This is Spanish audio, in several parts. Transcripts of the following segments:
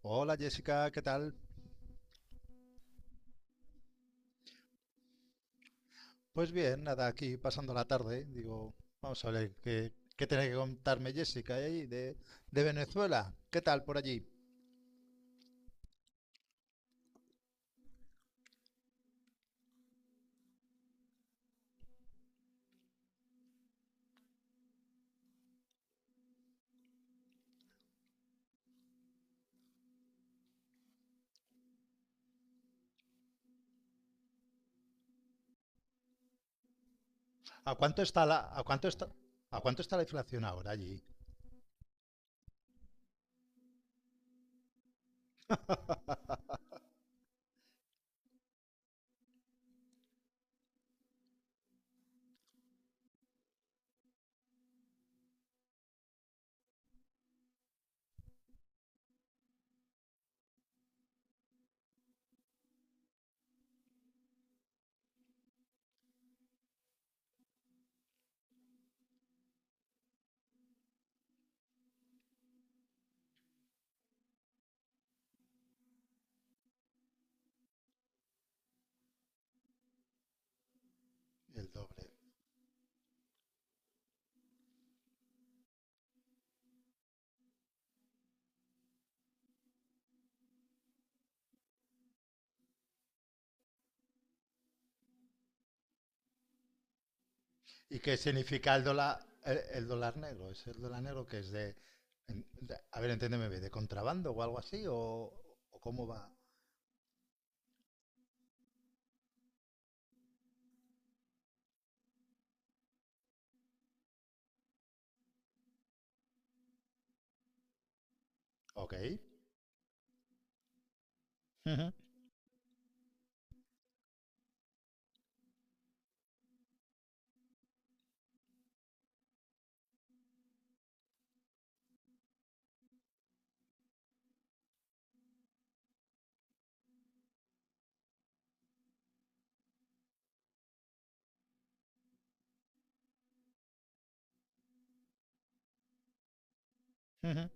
Hola Jessica, ¿qué tal? Pues bien, nada, aquí pasando la tarde. Digo, vamos a ver qué tiene que contarme Jessica ahí de Venezuela. ¿Qué tal por allí? ¿A cuánto está a cuánto está, a cuánto está la inflación ahora allí? El doble. ¿Y qué significa el dólar, el dólar negro? ¿Es el dólar negro que es de, a ver, entiéndeme, bien, de contrabando o algo así? O cómo va? Ok. Ujú, ujú.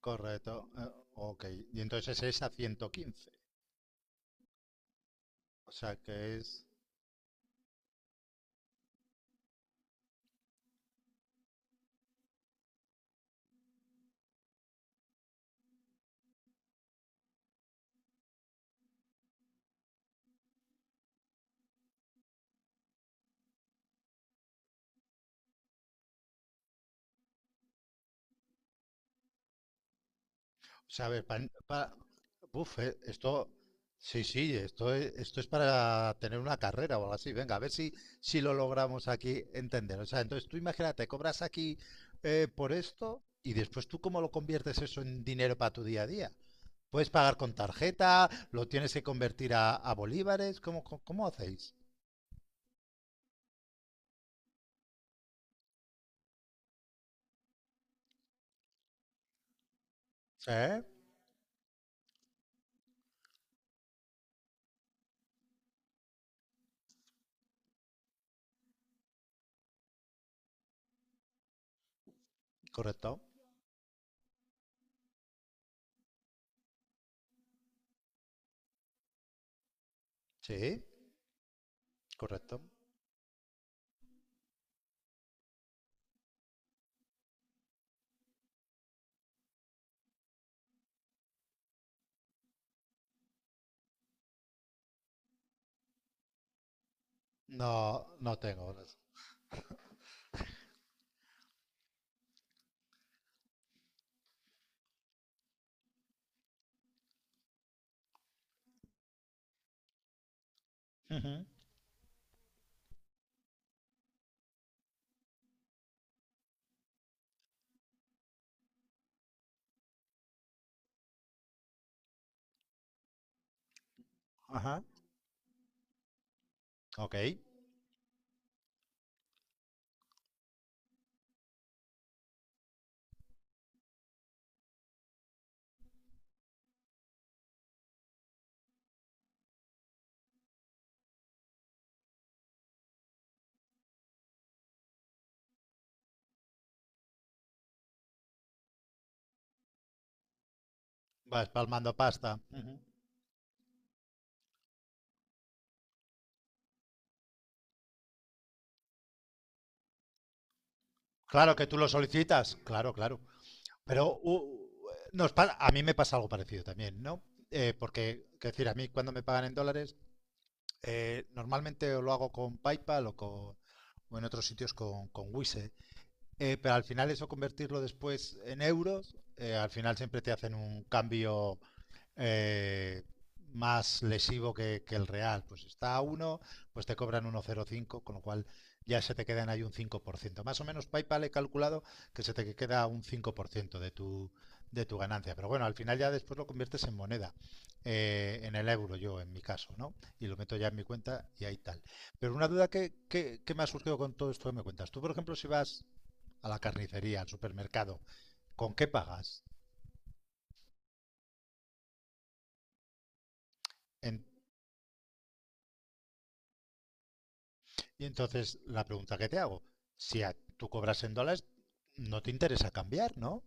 Correcto. Ok. Y entonces es a 115. O sea que es... ¿Sabes? Uf, sí, sí, esto es para tener una carrera o algo así. Venga, a ver si, si lo logramos aquí entender. O sea, entonces tú imagínate, cobras aquí por esto y después tú cómo lo conviertes eso en dinero para tu día a día. Puedes pagar con tarjeta, lo tienes que convertir a bolívares, cómo hacéis? ¿Eh? ¿Correcto? Sí, correcto. No, no tengo horas. Ujú. Ajá. Ok. Vas palmando pasta. Ujú. Claro que tú lo solicitas, claro, claro. Pero u- a mí me pasa algo parecido también, ¿no? Porque, quiero decir, a mí cuando me pagan en dólares, normalmente o lo hago con PayPal o en otros sitios con Wise. Pero al final eso convertirlo después en euros, al final siempre te hacen un cambio eh, más lesivo el real. Pues está a uno, pues te cobran 1,05, con lo cual ya se te quedan ahí un 5%. Más o menos PayPal he calculado que se te queda un 5% de de tu ganancia. Pero bueno, al final ya después lo conviertes en moneda, en el euro yo, en mi caso, ¿no? Y lo meto ya en mi cuenta y ahí tal. Pero una duda que me ha surgido con todo esto que me cuentas. Tú, por ejemplo, si vas a la carnicería, al supermercado, ¿con qué pagas? En, y entonces la pregunta que te hago, si tú cobras en dólares, no te interesa cambiar, ¿no?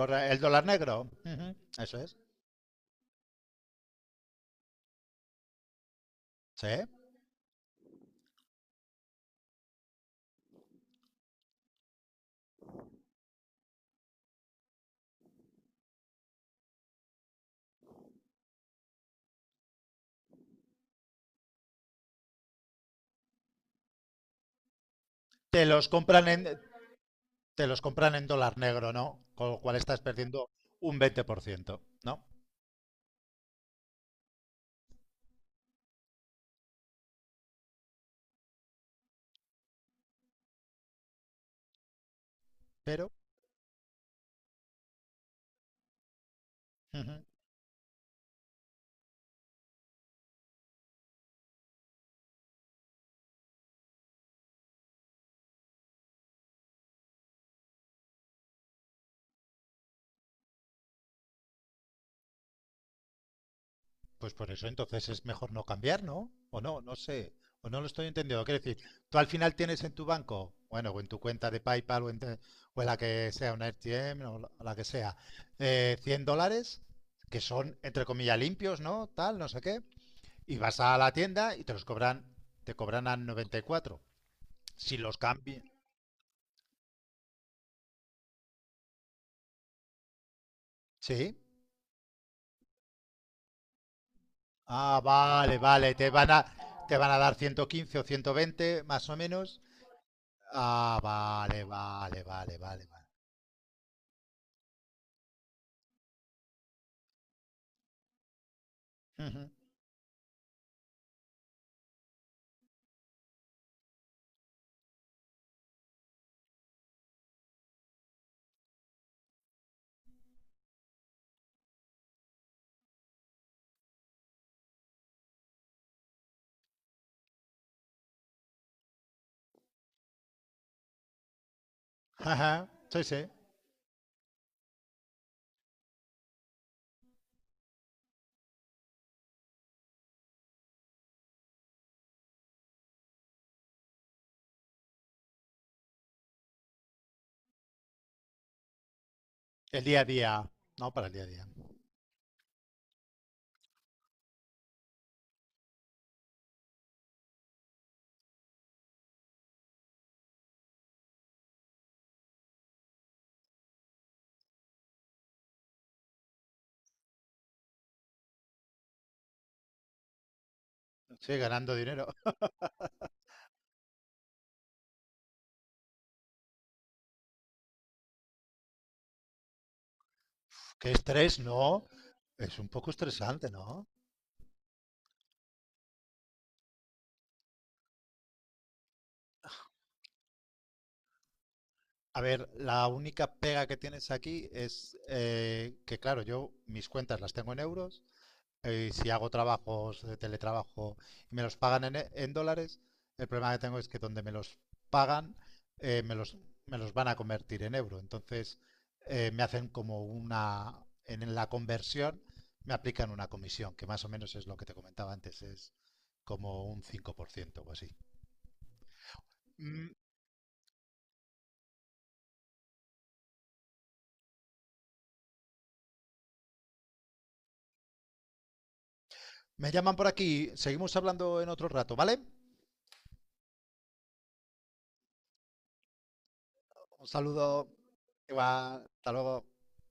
El dólar negro, ujú, eso es. Sí. Te los compran en, te los compran en dólar negro, ¿no? Con lo cual estás perdiendo un veinte por ciento, ¿no? Pero ujú, pues por eso entonces es mejor no cambiar, ¿no? O no, no sé. O no lo estoy entendiendo. Quiero decir, tú al final tienes en tu banco, bueno, o en tu cuenta de PayPal o o en la que sea, una RTM o o la que sea, 100 dólares, que son, entre comillas, limpios, ¿no? Tal, no sé qué. Y vas a la tienda y te los cobran, te cobran a 94. Si los cambian. Sí. Ah, vale, vale. Te van a dar 115 o 120 más o menos. Ah, vale, vale, vale, vale, vale. Ujú. Ajá. Sí, sí. El día a día. No, para el día a día. Sí, ganando dinero. Uf, qué estrés, ¿no? Es un poco estresante, ¿no? A ver, la única pega que tienes aquí es que, claro, yo mis cuentas las tengo en euros. Eh, si hago trabajos de teletrabajo y me los pagan en, en dólares, el problema que tengo es que donde me los pagan, eh, me los, me los van a convertir en euro. Entonces, me hacen como una, en la conversión, me aplican una comisión, que más o menos es lo que te comentaba antes, es como un 5% o así. Mm, me llaman por aquí, seguimos hablando en otro rato, ¿vale? Un saludo, igual, hasta luego.